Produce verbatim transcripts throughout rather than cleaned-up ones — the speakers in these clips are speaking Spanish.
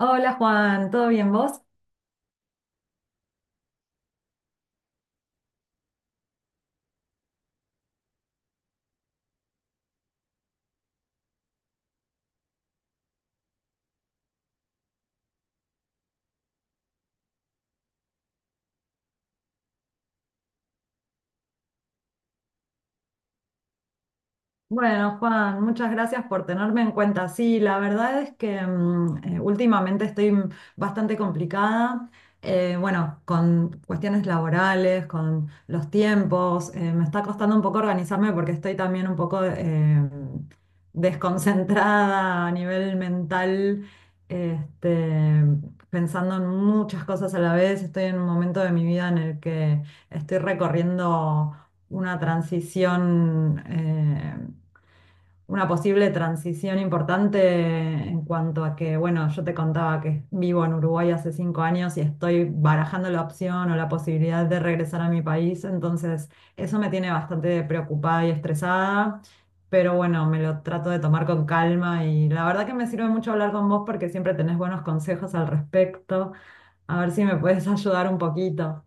Hola Juan, ¿todo bien vos? Bueno, Juan, muchas gracias por tenerme en cuenta. Sí, la verdad es que mm, eh, últimamente estoy mm, bastante complicada, eh, bueno, con cuestiones laborales, con los tiempos, eh, me está costando un poco organizarme porque estoy también un poco eh, desconcentrada a nivel mental, este, pensando en muchas cosas a la vez. Estoy en un momento de mi vida en el que estoy recorriendo una transición. Eh, una posible transición importante en cuanto a que, bueno, yo te contaba que vivo en Uruguay hace cinco años y estoy barajando la opción o la posibilidad de regresar a mi país, entonces eso me tiene bastante preocupada y estresada, pero bueno, me lo trato de tomar con calma y la verdad que me sirve mucho hablar con vos porque siempre tenés buenos consejos al respecto, a ver si me puedes ayudar un poquito.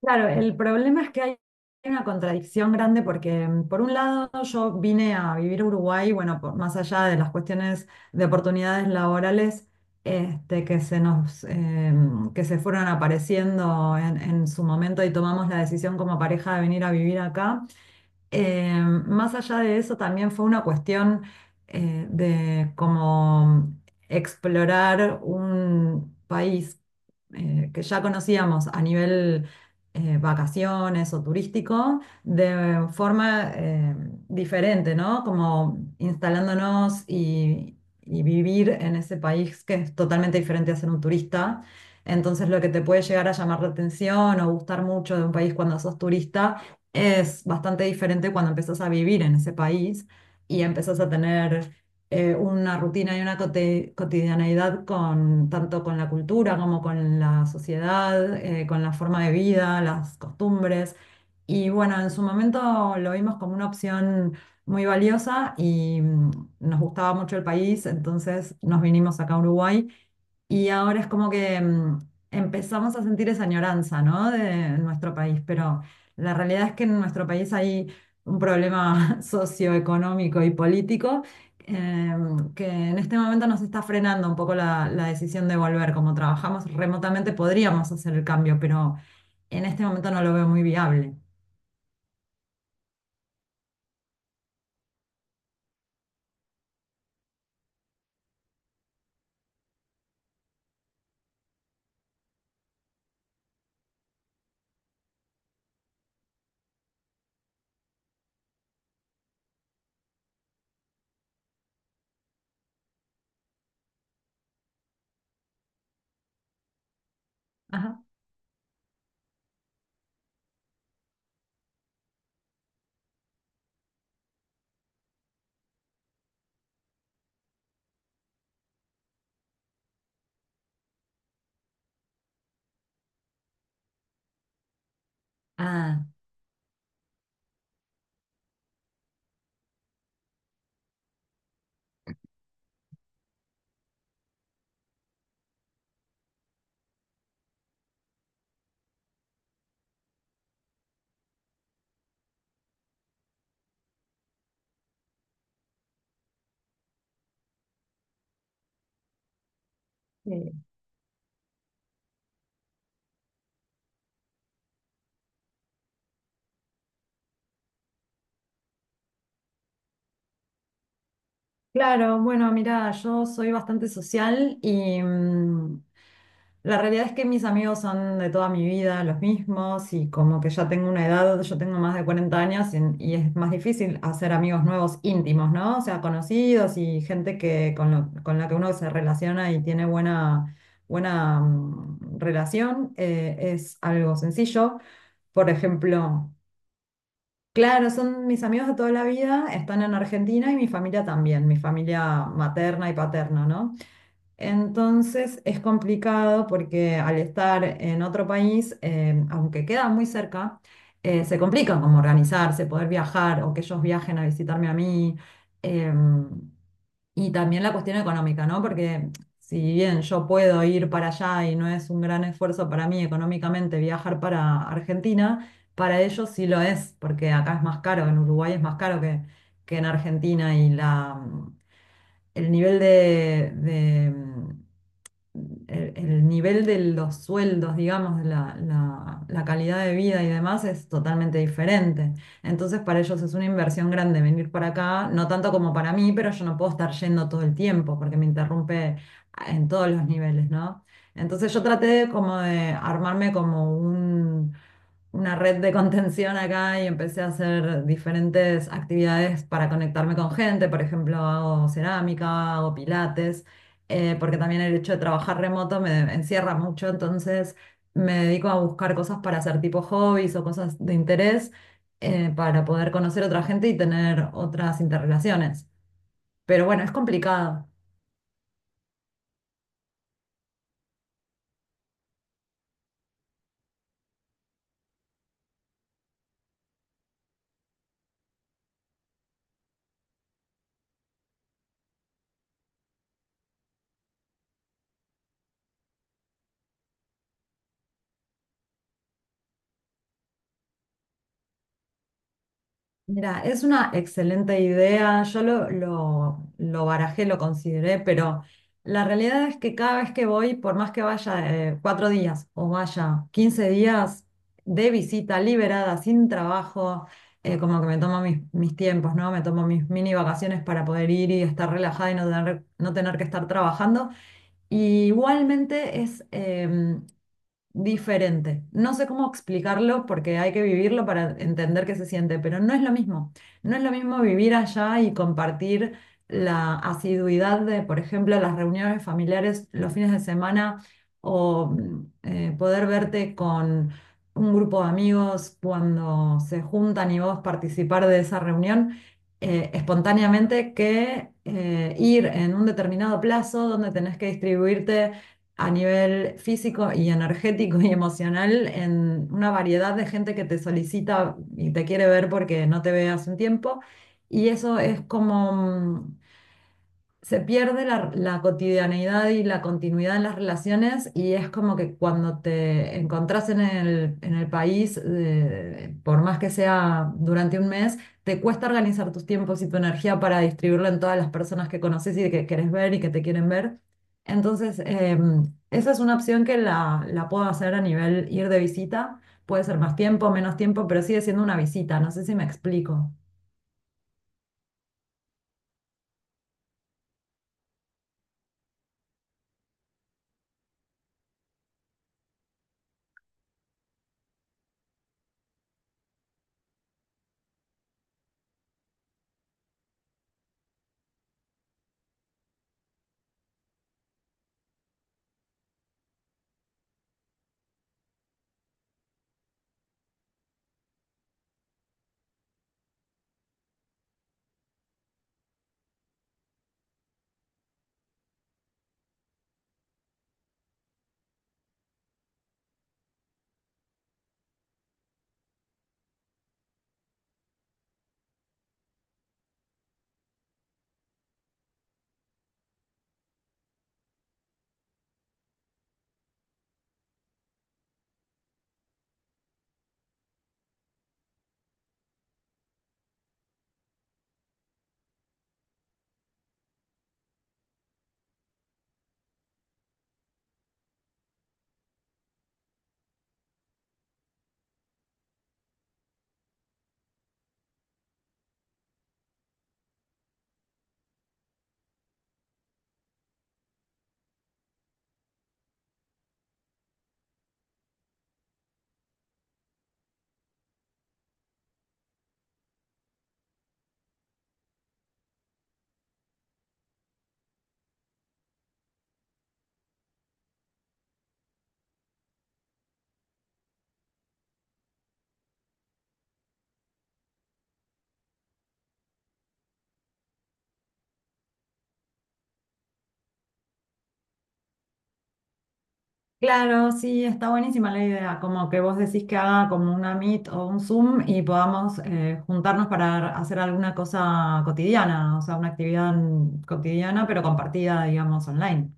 Claro, el problema es que hay una contradicción grande porque, mm, por un lado, yo vine a vivir a Uruguay, bueno, por- más allá de las cuestiones de oportunidades laborales, este, que se nos, em, que se fueron apareciendo en, en su momento y tomamos la decisión como pareja de venir a vivir acá. Eh, Más allá de eso, también fue una cuestión eh, de como explorar un país eh, que ya conocíamos a nivel eh, vacaciones o turístico, de forma eh, diferente, ¿no? Como instalándonos y, y vivir en ese país, que es totalmente diferente a ser un turista. Entonces, lo que te puede llegar a llamar la atención o gustar mucho de un país cuando sos turista es bastante diferente cuando empezás a vivir en ese país y empezás a tener eh, una rutina y una cote- cotidianeidad con, tanto con la cultura como con la sociedad, eh, con la forma de vida, las costumbres. Y bueno, en su momento lo vimos como una opción muy valiosa y mm, nos gustaba mucho el país, entonces nos vinimos acá a Uruguay, y ahora es como que mm, empezamos a sentir esa añoranza, ¿no? De nuestro país. Pero la realidad es que en nuestro país hay un problema socioeconómico y político eh, que en este momento nos está frenando un poco la, la decisión de volver. Como trabajamos remotamente, podríamos hacer el cambio, pero en este momento no lo veo muy viable. Ajá. Ah, eh, claro, bueno, mira, yo soy bastante social y, mm, la realidad es que mis amigos son de toda mi vida los mismos, y como que ya tengo una edad, yo tengo más de cuarenta años y, y es más difícil hacer amigos nuevos íntimos, ¿no? O sea, conocidos y gente que, con, lo- con la que uno se relaciona y tiene buena, buena mm, relación, eh, es algo sencillo. Por ejemplo, claro, son mis amigos de toda la vida, están en Argentina, y mi familia también, mi familia materna y paterna, ¿no? Entonces es complicado porque, al estar en otro país, eh, aunque queda muy cerca, eh, se complica como organizarse, poder viajar o que ellos viajen a visitarme a mí. em, y también la cuestión económica, ¿no? Porque si bien yo puedo ir para allá y no es un gran esfuerzo para mí económicamente viajar para Argentina, para ellos sí lo es, porque acá es más caro, en Uruguay es más caro que, que en Argentina, y la, el nivel de de, el, el nivel de los sueldos, digamos, de la, la- la calidad de vida y demás, es totalmente diferente. Entonces, para ellos es una inversión grande venir para acá, no tanto como para mí, pero yo no puedo estar yendo todo el tiempo porque me interrumpe en todos los niveles, ¿no? Entonces, yo traté de como de armarme como un una red de contención acá, y empecé a hacer diferentes actividades para conectarme con gente. Por ejemplo, hago cerámica, hago pilates, eh, porque también el hecho de trabajar remoto me encierra mucho, entonces me dedico a buscar cosas para hacer, tipo hobbies o cosas de interés, eh, para poder conocer otra gente y tener otras interrelaciones. Pero bueno, es complicado. Mira, es una excelente idea. Yo lo, lo, lo barajé, lo consideré, pero la realidad es que cada vez que voy, por más que vaya eh, cuatro días o vaya quince días de visita liberada, sin trabajo, eh, como que me tomo mis, mis tiempos, ¿no? Me tomo mis mini vacaciones para poder ir y estar relajada, y no tener, no tener que estar trabajando. Y igualmente es eh, diferente. No sé cómo explicarlo porque hay que vivirlo para entender qué se siente, pero no es lo mismo. No es lo mismo vivir allá y compartir la asiduidad de, por ejemplo, las reuniones familiares los fines de semana, o mm, eh, poder verte con un grupo de amigos cuando se juntan y vos participar de esa reunión eh, espontáneamente, que eh, ir en un determinado plazo donde tenés que distribuirte a nivel físico y energético y emocional en una variedad de gente que te solicita y te quiere ver porque no te ve hace un tiempo. Y eso es como, mm, se pierde la, la cotidianeidad y la continuidad en las relaciones, y es como que cuando te encontrás en el, en el país, eh, por más que sea durante un mes, te cuesta organizar tus tiempos y tu energía para distribuirlo en todas las personas que conoces y que querés ver y que te quieren ver. Entonces, eh, esa es una opción que la, la puedo hacer a nivel ir de visita. Puede ser más tiempo, menos tiempo, pero sigue siendo una visita. No sé si me explico. Claro, sí, está buenísima la idea, como que vos decís que haga como una Meet o un Zoom y podamos eh, juntarnos para hacer alguna cosa cotidiana, o sea, una actividad mm, cotidiana pero compartida, digamos, online.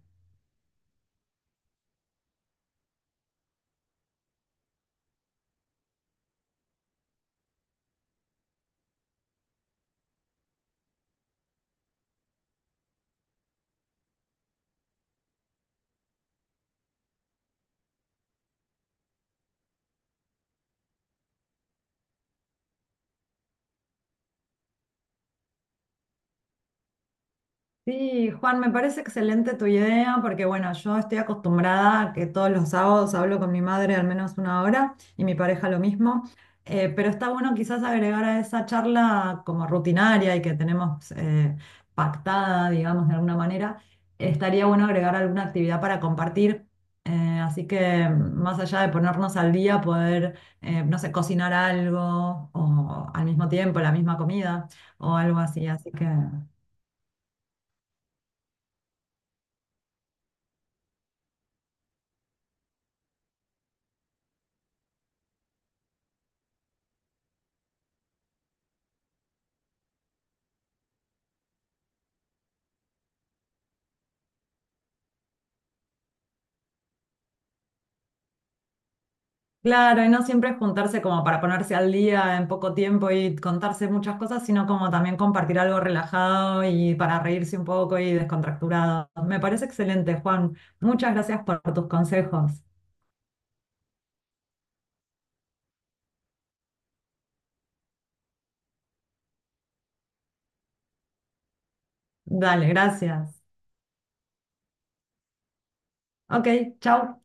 Sí, Juan, me parece excelente tu idea porque, bueno, yo estoy acostumbrada a que todos los sábados hablo con mi madre al menos una hora, y mi pareja lo mismo, Eh, pero está bueno quizás agregar a esa charla, como rutinaria y que tenemos eh, pactada, digamos, de alguna manera, estaría bueno agregar alguna actividad para compartir. Eh, así que más allá de ponernos al día, poder, eh, no sé, cocinar algo, o al mismo tiempo la misma comida o algo así, así que... Claro, y no siempre juntarse como para ponerse al día en poco tiempo y contarse muchas cosas, sino como también compartir algo relajado y para reírse un poco y descontracturado. Me parece excelente, Juan. Muchas gracias por tus consejos. Dale, gracias. Ok, chao.